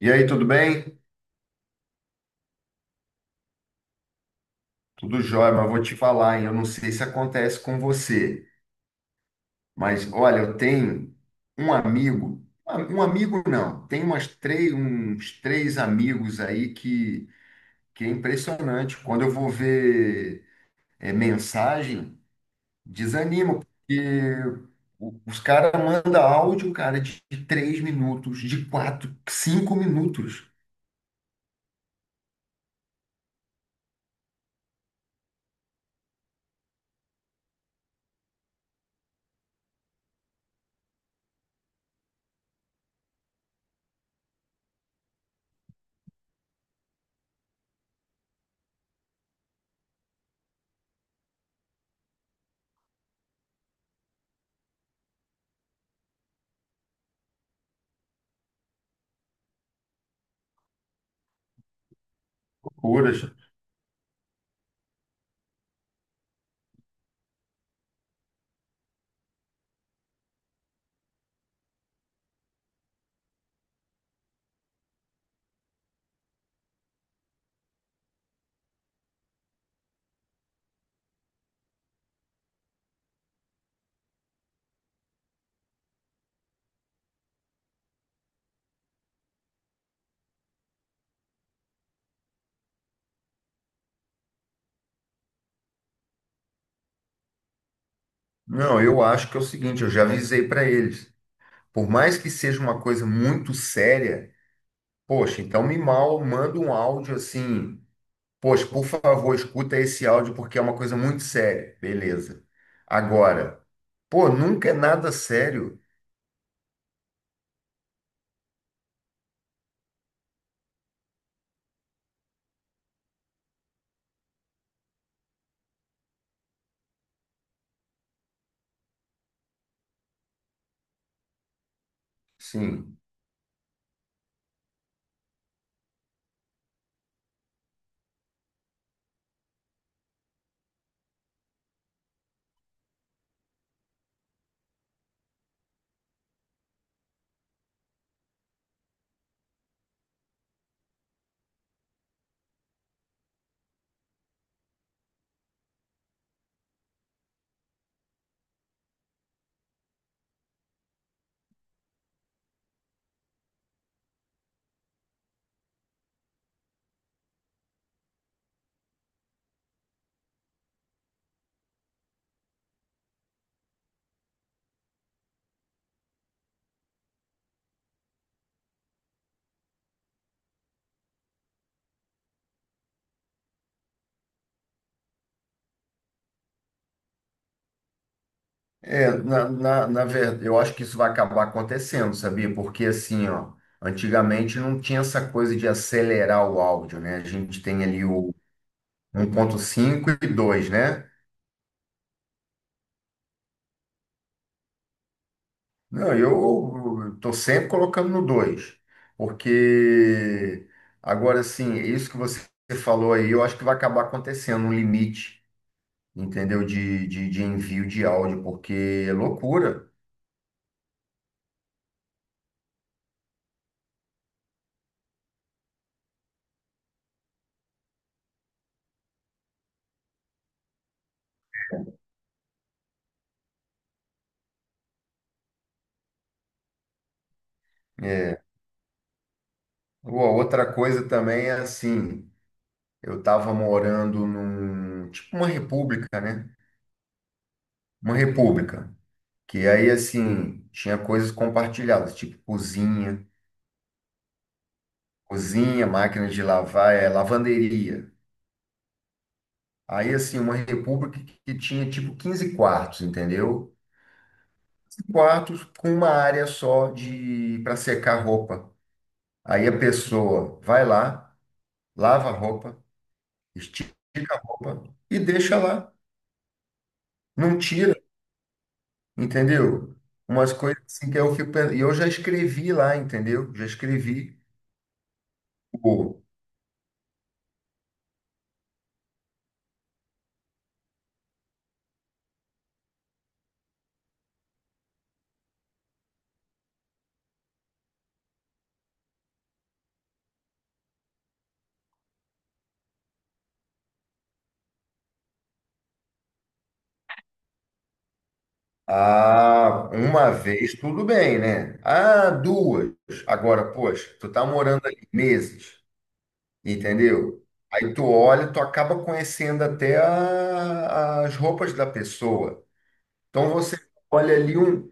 E aí, tudo bem? Tudo jóia, mas vou te falar, hein? Eu não sei se acontece com você, mas olha, eu tenho um amigo não, tem umas três, uns três amigos aí que é impressionante. Quando eu vou ver mensagem, desanimo, porque os caras mandam áudio, cara, de 3 minutos, de quatro, 5 minutos. Loucuras. Não, eu acho que é o seguinte, eu já avisei para eles. Por mais que seja uma coisa muito séria, poxa, então me mal manda um áudio assim, poxa, por favor, escuta esse áudio porque é uma coisa muito séria. Beleza. Agora, pô, nunca é nada sério. Sim. É, na verdade, eu acho que isso vai acabar acontecendo, sabia? Porque assim, ó, antigamente não tinha essa coisa de acelerar o áudio, né? A gente tem ali o 1.5 e 2, né? Não, eu estou sempre colocando no 2, porque agora sim, isso que você falou aí, eu acho que vai acabar acontecendo um limite, entendeu? De envio de áudio, porque é loucura. É. Ou a outra coisa também é assim, eu estava morando num, tipo uma república, né? Uma república, que aí assim, tinha coisas compartilhadas, tipo cozinha, máquina de lavar, lavanderia. Aí, assim, uma república que tinha tipo 15 quartos, entendeu? Quartos com uma área só de para secar roupa. Aí a pessoa vai lá, lava a roupa, estica a roupa e deixa lá. Não tira, entendeu? Umas coisas assim que eu fico pensando. E eu já escrevi lá, entendeu? Já escrevi. Pô, ah, uma vez tudo bem, né? Ah, duas. Agora, poxa, tu tá morando ali meses. Entendeu? Aí tu olha, tu acaba conhecendo até as roupas da pessoa. Então você olha ali um,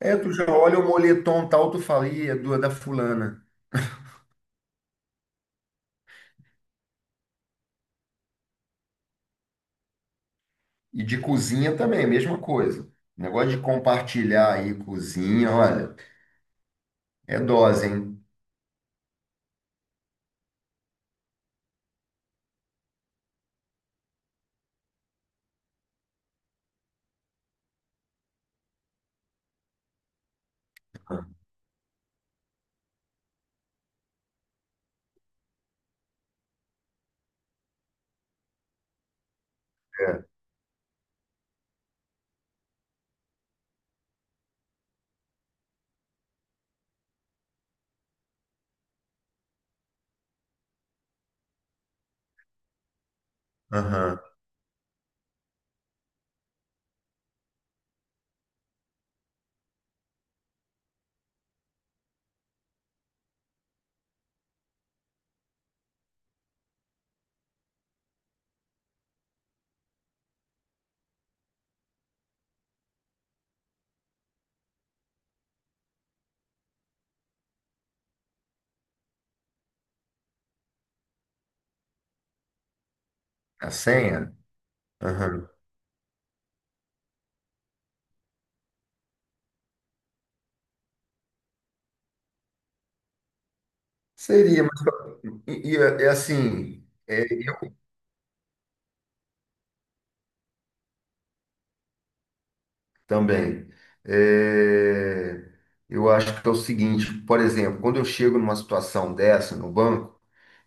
tu já olha o moletom tal, tu fala, "Ih, é da fulana. E de cozinha também, a mesma coisa. Negócio de compartilhar aí cozinha, olha, é dose, hein? É. Aham. A senha? Aham. Seria, mas e, é assim, Também. É, eu acho que é o seguinte, por exemplo, quando eu chego numa situação dessa no banco,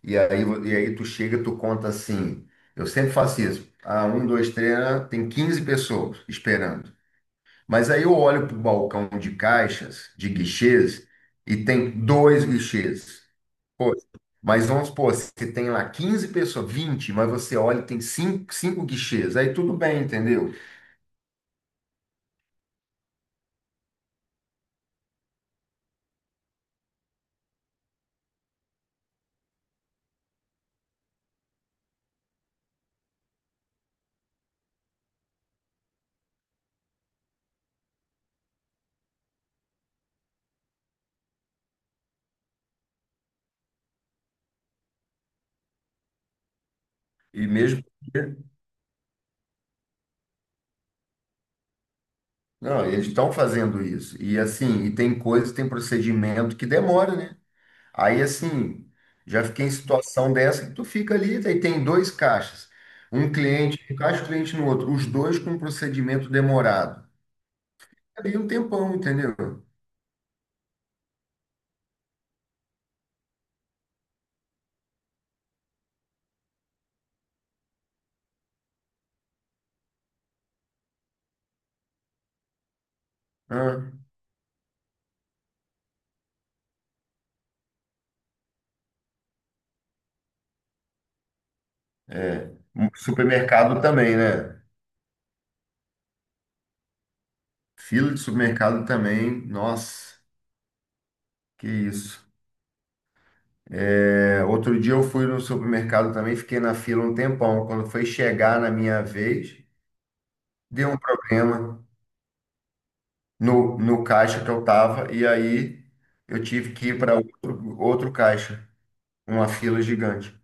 e aí tu chega, tu conta assim, eu sempre faço isso, ah, um, dois, três, ah, tem 15 pessoas esperando. Mas aí eu olho para o balcão de caixas, de guichês, e tem dois guichês. Pô, mas vamos supor, se tem lá 15 pessoas, 20 mas você olha e tem cinco guichês, aí tudo bem, entendeu? E mesmo. Não, eles estão fazendo isso. E assim, e tem coisas, tem procedimento que demora, né? Aí assim, já fiquei em situação dessa que tu fica ali, aí tem dois caixas. Um cliente, um caixa, um cliente no outro. Os dois com um procedimento demorado. Ali um tempão, entendeu? Ah, é. Um supermercado também, né? Fila de supermercado também. Nossa, que isso. É, outro dia eu fui no supermercado também, fiquei na fila um tempão. Quando foi chegar na minha vez, deu um problema no caixa que eu tava, e aí eu tive que ir para outro, caixa, uma fila gigante.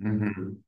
Uhum.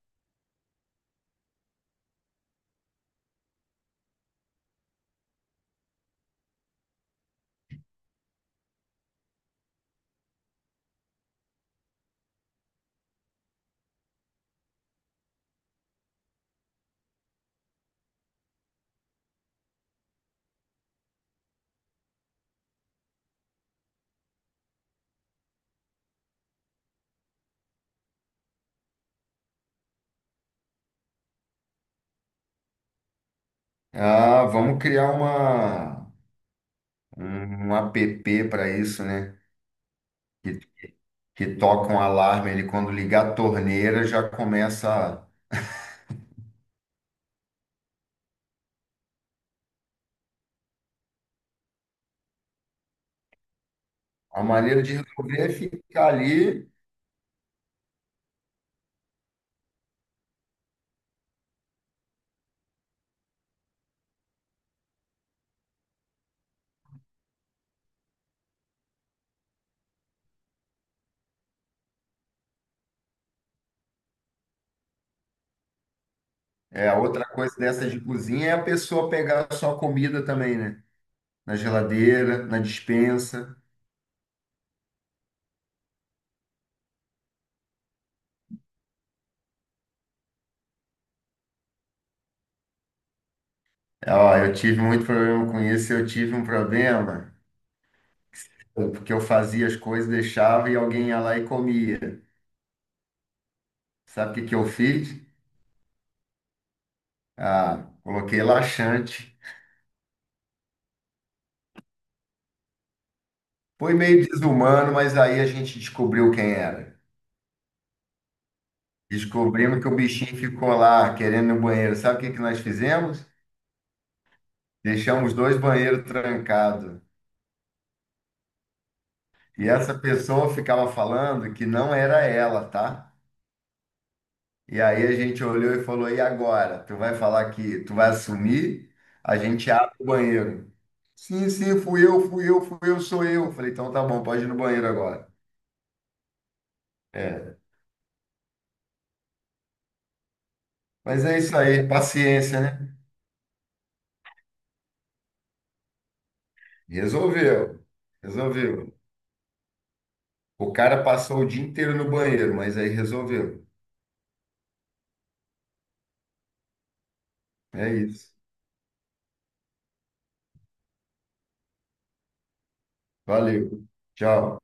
Ah, vamos criar uma, um app para isso, né? Que, que toca um alarme ali quando ligar a torneira, já começa. A maneira de resolver é ficar ali. É, outra coisa dessa de cozinha é a pessoa pegar só comida também, né? Na geladeira, na despensa. Ó, eu tive muito problema com isso, eu tive um problema. Porque eu fazia as coisas, deixava e alguém ia lá e comia. Sabe o que que eu fiz? Ah, coloquei laxante. Foi meio desumano, mas aí a gente descobriu quem era. Descobrimos que o bichinho ficou lá querendo ir no banheiro. Sabe o que que nós fizemos? Deixamos dois banheiros trancados. E essa pessoa ficava falando que não era ela, tá? E aí a gente olhou e falou: e agora? Tu vai falar que tu vai assumir? A gente abre o banheiro. Sim, sim, fui eu, fui eu, fui eu, sou eu. Falei: então tá bom, pode ir no banheiro agora. É. Mas é isso aí, paciência, né? Resolveu, resolveu. O cara passou o dia inteiro no banheiro, mas aí resolveu. É isso. Valeu. Tchau.